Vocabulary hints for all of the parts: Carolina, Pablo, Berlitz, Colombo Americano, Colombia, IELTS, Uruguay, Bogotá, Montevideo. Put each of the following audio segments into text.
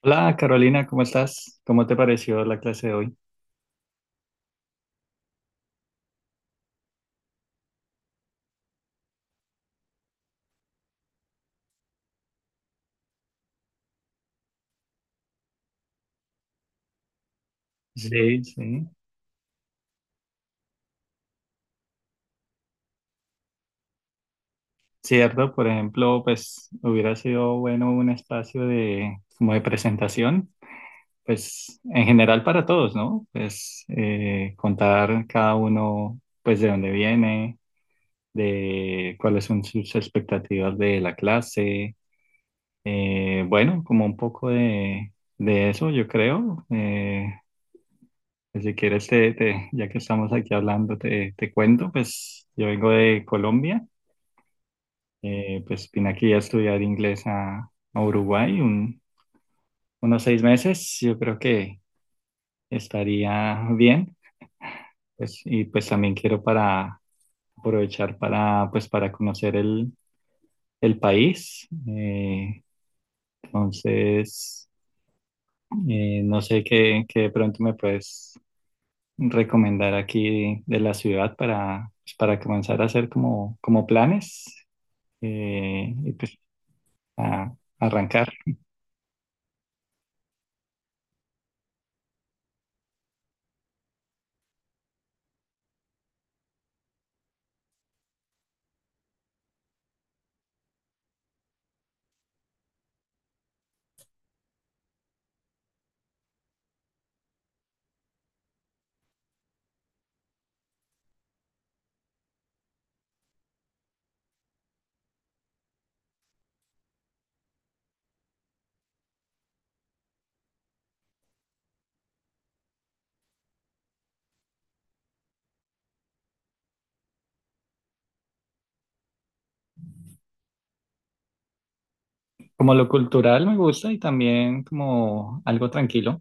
Hola Carolina, ¿cómo estás? ¿Cómo te pareció la clase de hoy? Sí, sí. Cierto, por ejemplo, pues hubiera sido bueno un espacio de como de presentación, pues en general para todos, ¿no? Pues contar cada uno, pues de dónde viene, de cuáles son sus expectativas de la clase, bueno, como un poco de eso, yo creo. Pues si quieres, ya que estamos aquí hablando, te cuento, pues yo vengo de Colombia, pues vine aquí a estudiar inglés a Uruguay unos seis meses, yo creo que estaría bien, pues, y pues también quiero para aprovechar para, pues, para conocer el país, entonces, no sé qué de pronto me puedes recomendar aquí de la ciudad para, pues, para comenzar a hacer como, como planes y pues a arrancar. Como lo cultural me gusta y también como algo tranquilo.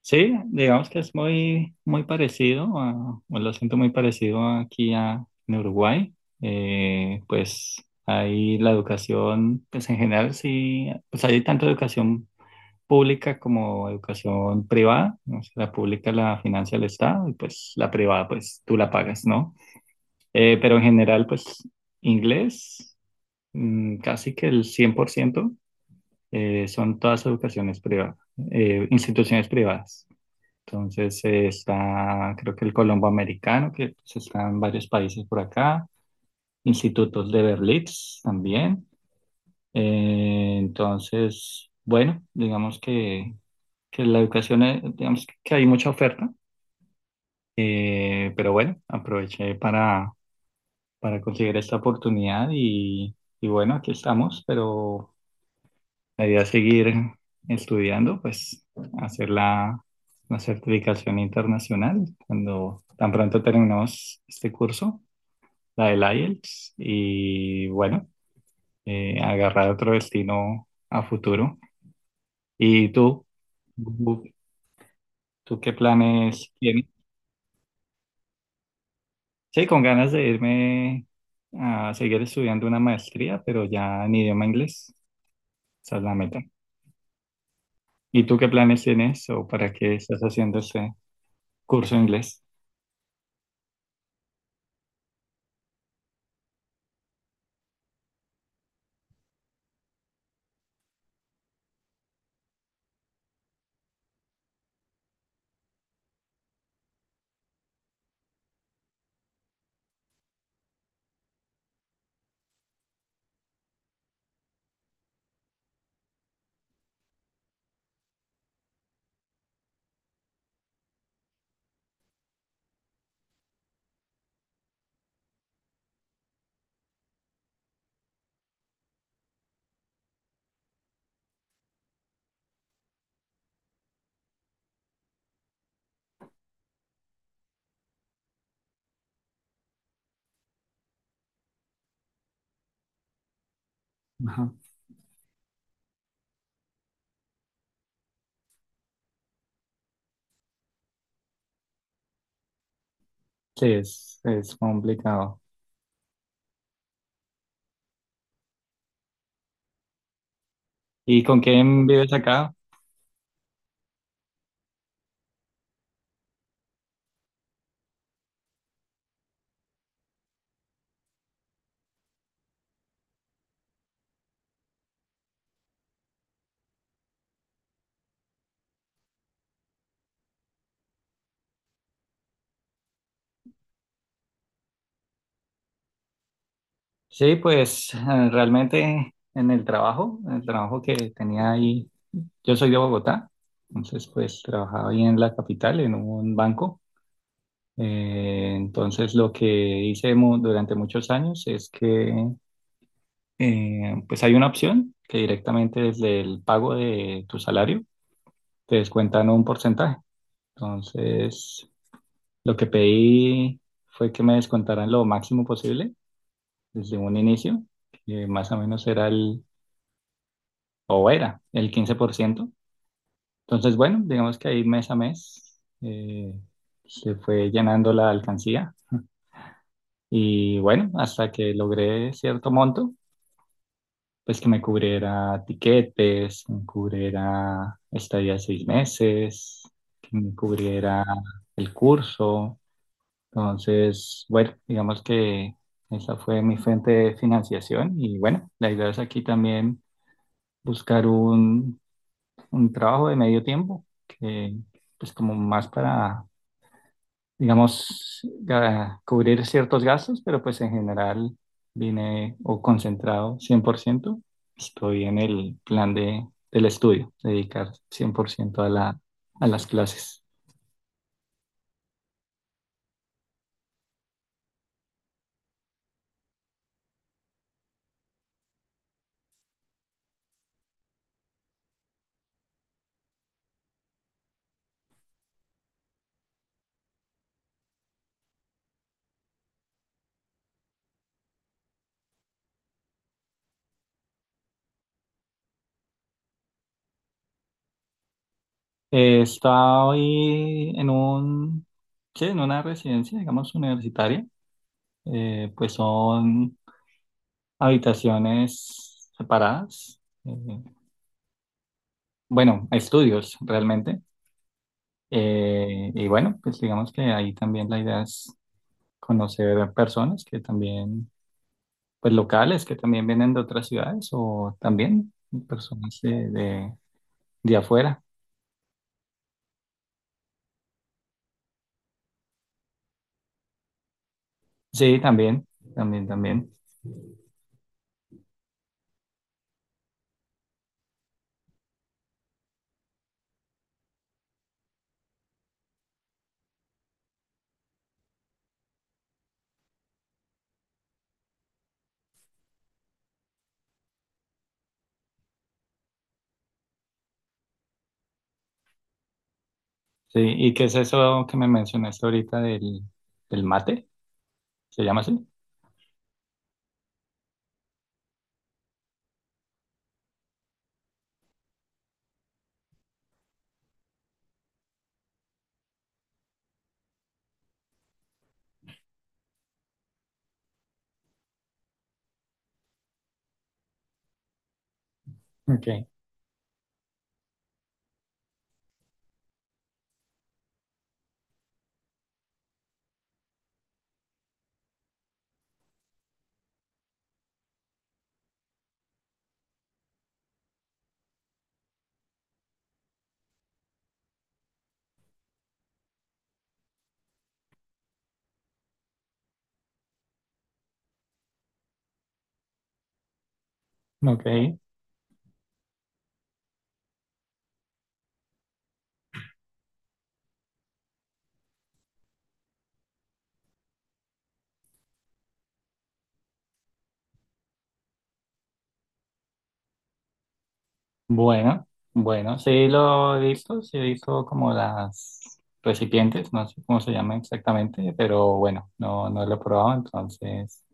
Sí, digamos que es muy, muy parecido, a, o lo siento muy parecido aquí a, en Uruguay. Pues ahí la educación, pues en general sí, pues hay tanta educación pública como educación privada, ¿no? O sea, la pública la financia el Estado y pues la privada pues tú la pagas, ¿no? Pero en general pues inglés casi que el 100%, son todas educaciones privadas, instituciones privadas. Entonces está creo que el Colombo Americano, que pues, está en varios países por acá, institutos de Berlitz también. Entonces, bueno, digamos que la educación, digamos que hay mucha oferta, pero bueno, aproveché para conseguir esta oportunidad y bueno, aquí estamos, pero la idea es seguir estudiando, pues hacer la certificación internacional cuando tan pronto terminemos este curso, la del IELTS, y bueno, agarrar otro destino a futuro. ¿Y tú? ¿Tú ¿Tú qué planes tienes? Sí, con ganas de irme a seguir estudiando una maestría, pero ya en idioma inglés. Esa es la meta. ¿Y tú qué planes tienes o para qué estás haciendo este curso de inglés? Ajá. Sí, es complicado. ¿Y con quién vives acá? Sí, pues realmente en el trabajo que tenía ahí, yo soy de Bogotá, entonces pues trabajaba ahí en la capital, en un banco. Entonces lo que hice durante muchos años es que pues hay una opción que directamente desde el pago de tu salario te descuentan un porcentaje. Entonces, lo que pedí fue que me descontaran lo máximo posible desde un inicio, que más o menos era o era el 15%. Entonces, bueno, digamos que ahí mes a mes se fue llenando la alcancía y bueno, hasta que logré cierto monto, pues que me cubriera tiquetes, que me cubriera estadía de seis meses, que me cubriera el curso. Entonces, bueno, digamos que esa fue mi fuente de financiación y bueno, la idea es aquí también buscar un trabajo de medio tiempo que pues como más para digamos, cubrir ciertos gastos, pero pues en general vine o concentrado cien por ciento. Estoy en el plan del estudio, dedicar 100% a la, a las clases. Estoy en un, sí, en una residencia, digamos, universitaria. Pues son habitaciones separadas. Bueno, estudios realmente. Y bueno, pues digamos que ahí también la idea es conocer personas que también, pues locales, que también vienen de otras ciudades o también personas de afuera. Sí, también, también, también. Sí, ¿y qué es eso que me mencionaste ahorita del mate? ¿Se llama así? Ok, ok. Bueno, bueno, sí lo he visto, sí he visto como las recipientes, no sé cómo se llama exactamente, pero bueno, no, no lo he probado, entonces...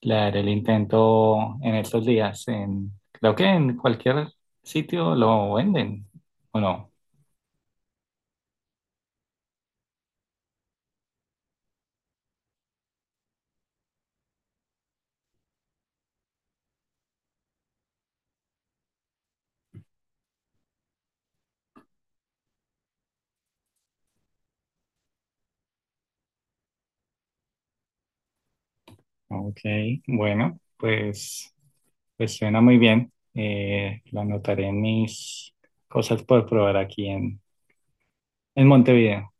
Claro, el intento en estos días, en, creo que en cualquier sitio lo venden, ¿o no? Ok, bueno, pues, pues suena muy bien. Lo anotaré en mis cosas por probar aquí en Montevideo.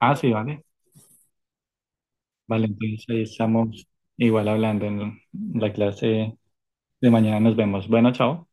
Ah, sí, vale. Vale, entonces ahí estamos igual hablando en la clase de mañana. Nos vemos. Bueno, chao.